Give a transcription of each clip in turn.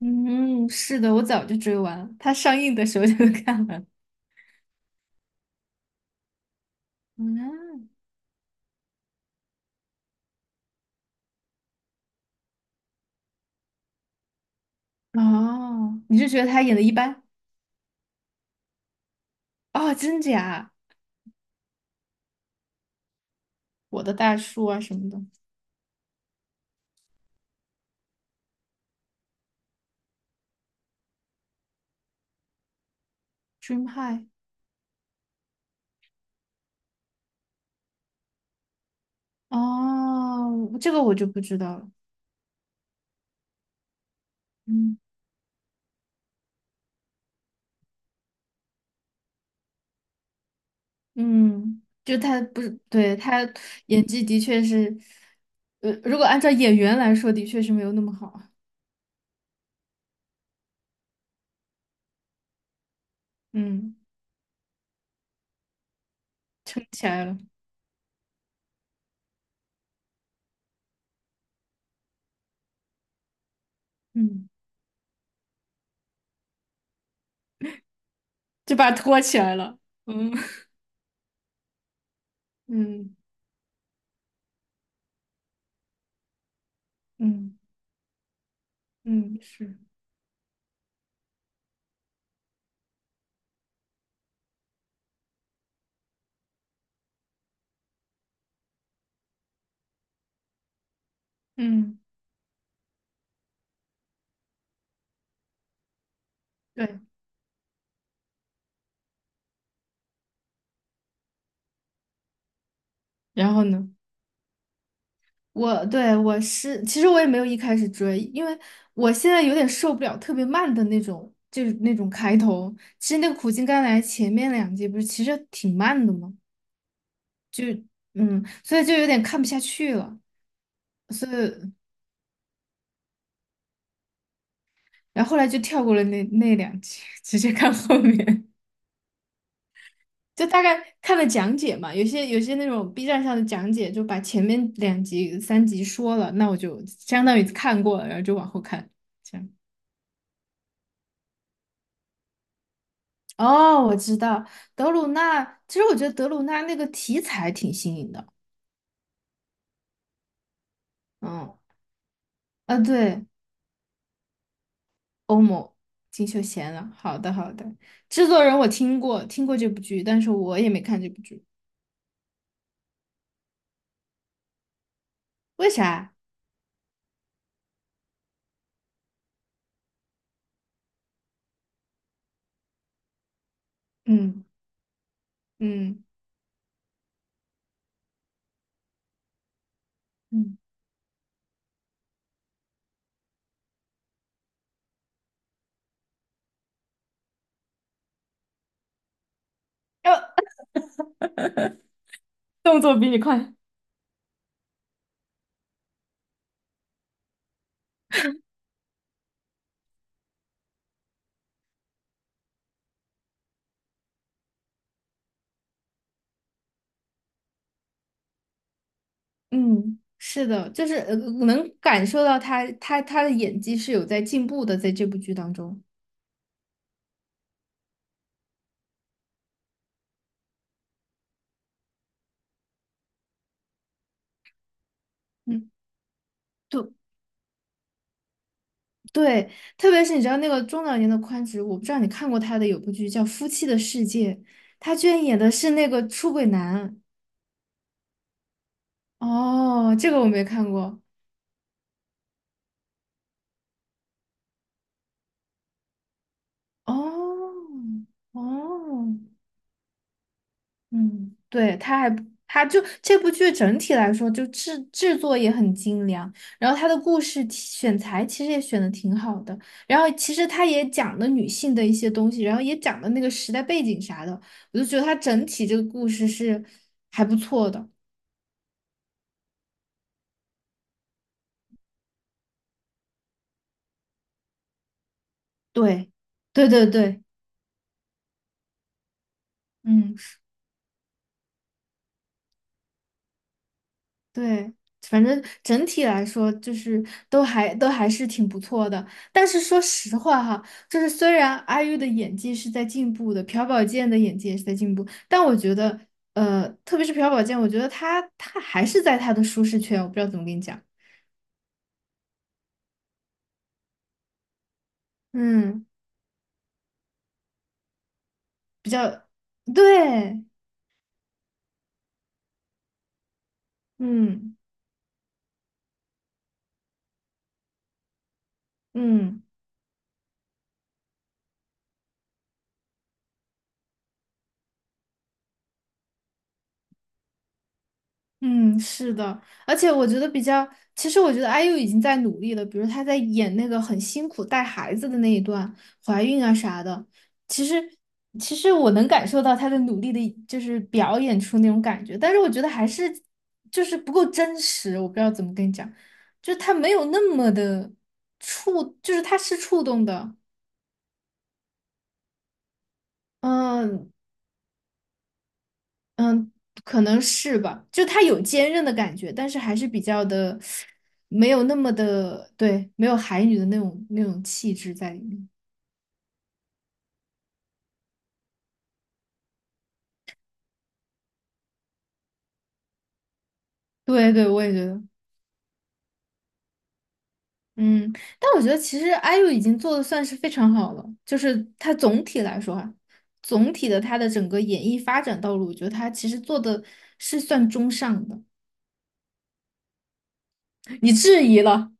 嗯，是的，我早就追完了，他上映的时候就 看完了。嗯，哦，你是觉得他演的一般？哦，真假？我的大叔啊什么的，Dream High。哦，这个我就不知道了。嗯嗯，就他不是，对，他演技的确是，如果按照演员来说，的确是没有那么好。嗯，撑起来了，嗯，就把拖起来了。嗯 嗯嗯嗯，是，嗯。对。然后呢？我是，其实我也没有一开始追，因为我现在有点受不了特别慢的那种，就是那种开头。其实那个苦尽甘来前面两集不是其实挺慢的嘛，嗯，所以就有点看不下去了，所以然后后来就跳过了那两集，直接看后面，就大概看了讲解嘛，有些那种 B 站上的讲解就把前面两集三集说了，那我就相当于看过了，然后就往后看，这样。哦，我知道德鲁纳。其实我觉得德鲁纳那个题材挺新颖的。嗯，啊，对，欧某金秀贤了。好的，好的。制作人我听过，听过这部剧，但是我也没看这部剧。为啥？嗯嗯嗯，呃动作比你快。嗯，是的，就是能感受到他的演技是有在进步的，在这部剧当中。嗯，对，对，特别是你知道那个中老年的宽直，我不知道你看过他的有部剧叫《夫妻的世界》，他居然演的是那个出轨男。哦，这个我没看过。哦，哦，嗯，对，他还他就这部剧整体来说就制作也很精良，然后他的故事题选材其实也选的挺好的，然后其实他也讲了女性的一些东西，然后也讲了那个时代背景啥的，我就觉得他整体这个故事是还不错的。对，对对对，嗯，对，反正整体来说就是都还是挺不错的。但是说实话哈，就是虽然阿 u 的演技是在进步的，朴宝剑的演技也是在进步，但我觉得，特别是朴宝剑，我觉得他还是在他的舒适圈，我不知道怎么跟你讲。嗯，对，嗯嗯。嗯，是的，而且我觉得比较，其实我觉得 IU 已经在努力了，比如她在演那个很辛苦带孩子的那一段，怀孕啊啥的，其实其实我能感受到她的努力的，就是表演出那种感觉，但是我觉得还是就是不够真实，我不知道怎么跟你讲，就是她没有那么的触，就是她是触动的，嗯，嗯，可能是吧，就它有坚韧的感觉，但是还是比较的，没有那么的，对，没有海女的那种气质在里面。对对，我也觉得，嗯，但我觉得其实 IU 已经做的算是非常好了，就是它总体来说啊，总体的它的整个演艺发展道路，我觉得它其实做的是算中上的。你质疑了，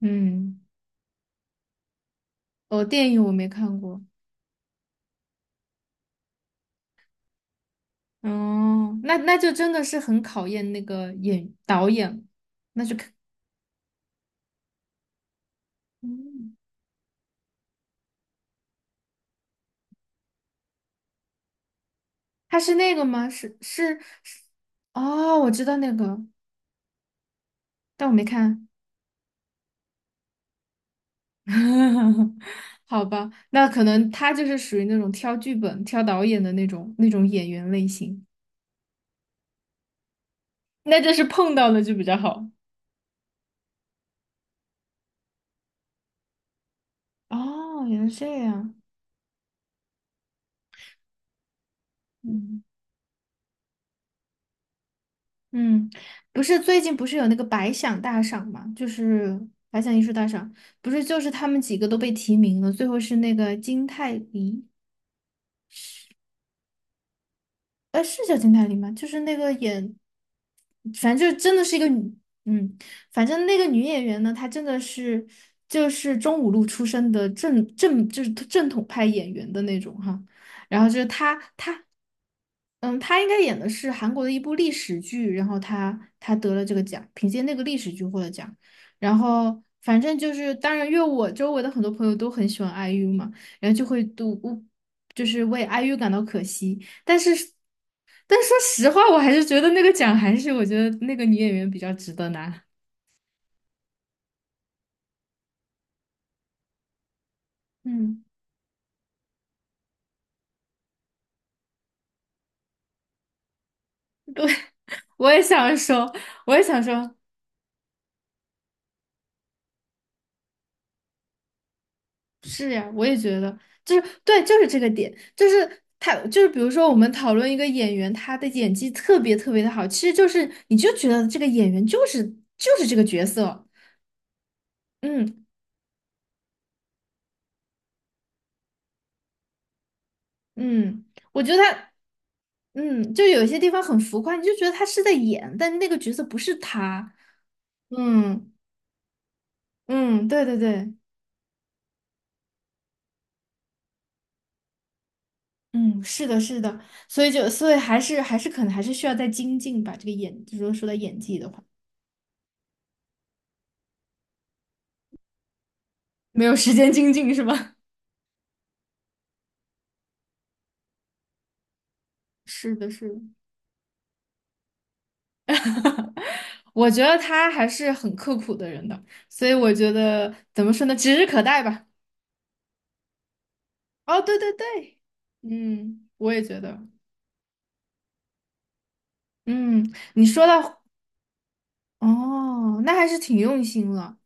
嗯，哦，电影我没看过，哦，那那就真的是很考验那个演导演了嗯，他是那个吗？是是是，哦，我知道那个，但我没看。好吧，那可能他就是属于那种挑剧本、挑导演的那种演员类型，那这是碰到了就比较好。哦，原来是这样。嗯嗯，不是最近不是有那个百想大赏嘛，就是百想艺术大赏，不是就是他们几个都被提名了，最后是那个金泰梨。哎，是叫金泰梨吗？就是那个演，反正就真的是一个女，嗯，反正那个女演员呢，她真的是就是中五路出身的正就是正统派演员的那种哈。然后就是她，嗯，她应该演的是韩国的一部历史剧，然后她得了这个奖，凭借那个历史剧获了奖。然后反正就是，当然，因为我周围的很多朋友都很喜欢 IU 嘛，然后就会都就是为 IU 感到可惜。但是，但说实话，我还是觉得那个奖还是我觉得那个女演员比较值得拿。嗯，我也想说，我也想说，是呀，我也觉得，就是对，就是这个点，就是他，就是比如说我们讨论一个演员，他的演技特别特别的好，其实就是你就觉得这个演员就是就是这个角色，嗯嗯，我觉得他，嗯，就有些地方很浮夸，你就觉得他是在演，但那个角色不是他，嗯嗯，对对对。嗯，是的，是的，所以就所以还是可能还是需要再精进吧。这个演，就果说到演技的话，没有时间精进是吧？是的，是的。我觉得他还是很刻苦的人的，所以我觉得怎么说呢，指日可待吧。哦，对对对，嗯，我也觉得，嗯，你说到，哦，那还是挺用心了。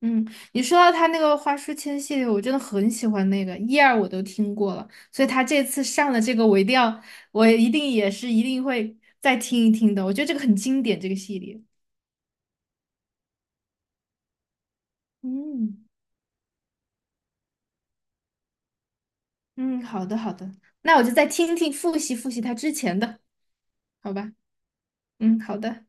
嗯，你说到他那个花书签系列，我真的很喜欢那个一二我都听过了，所以他这次上的这个我一定要，我一定也是一定会再听一听的。我觉得这个很经典，这个系列。嗯嗯，好的好的，那我就再听听复习复习他之前的，好吧？嗯，好的。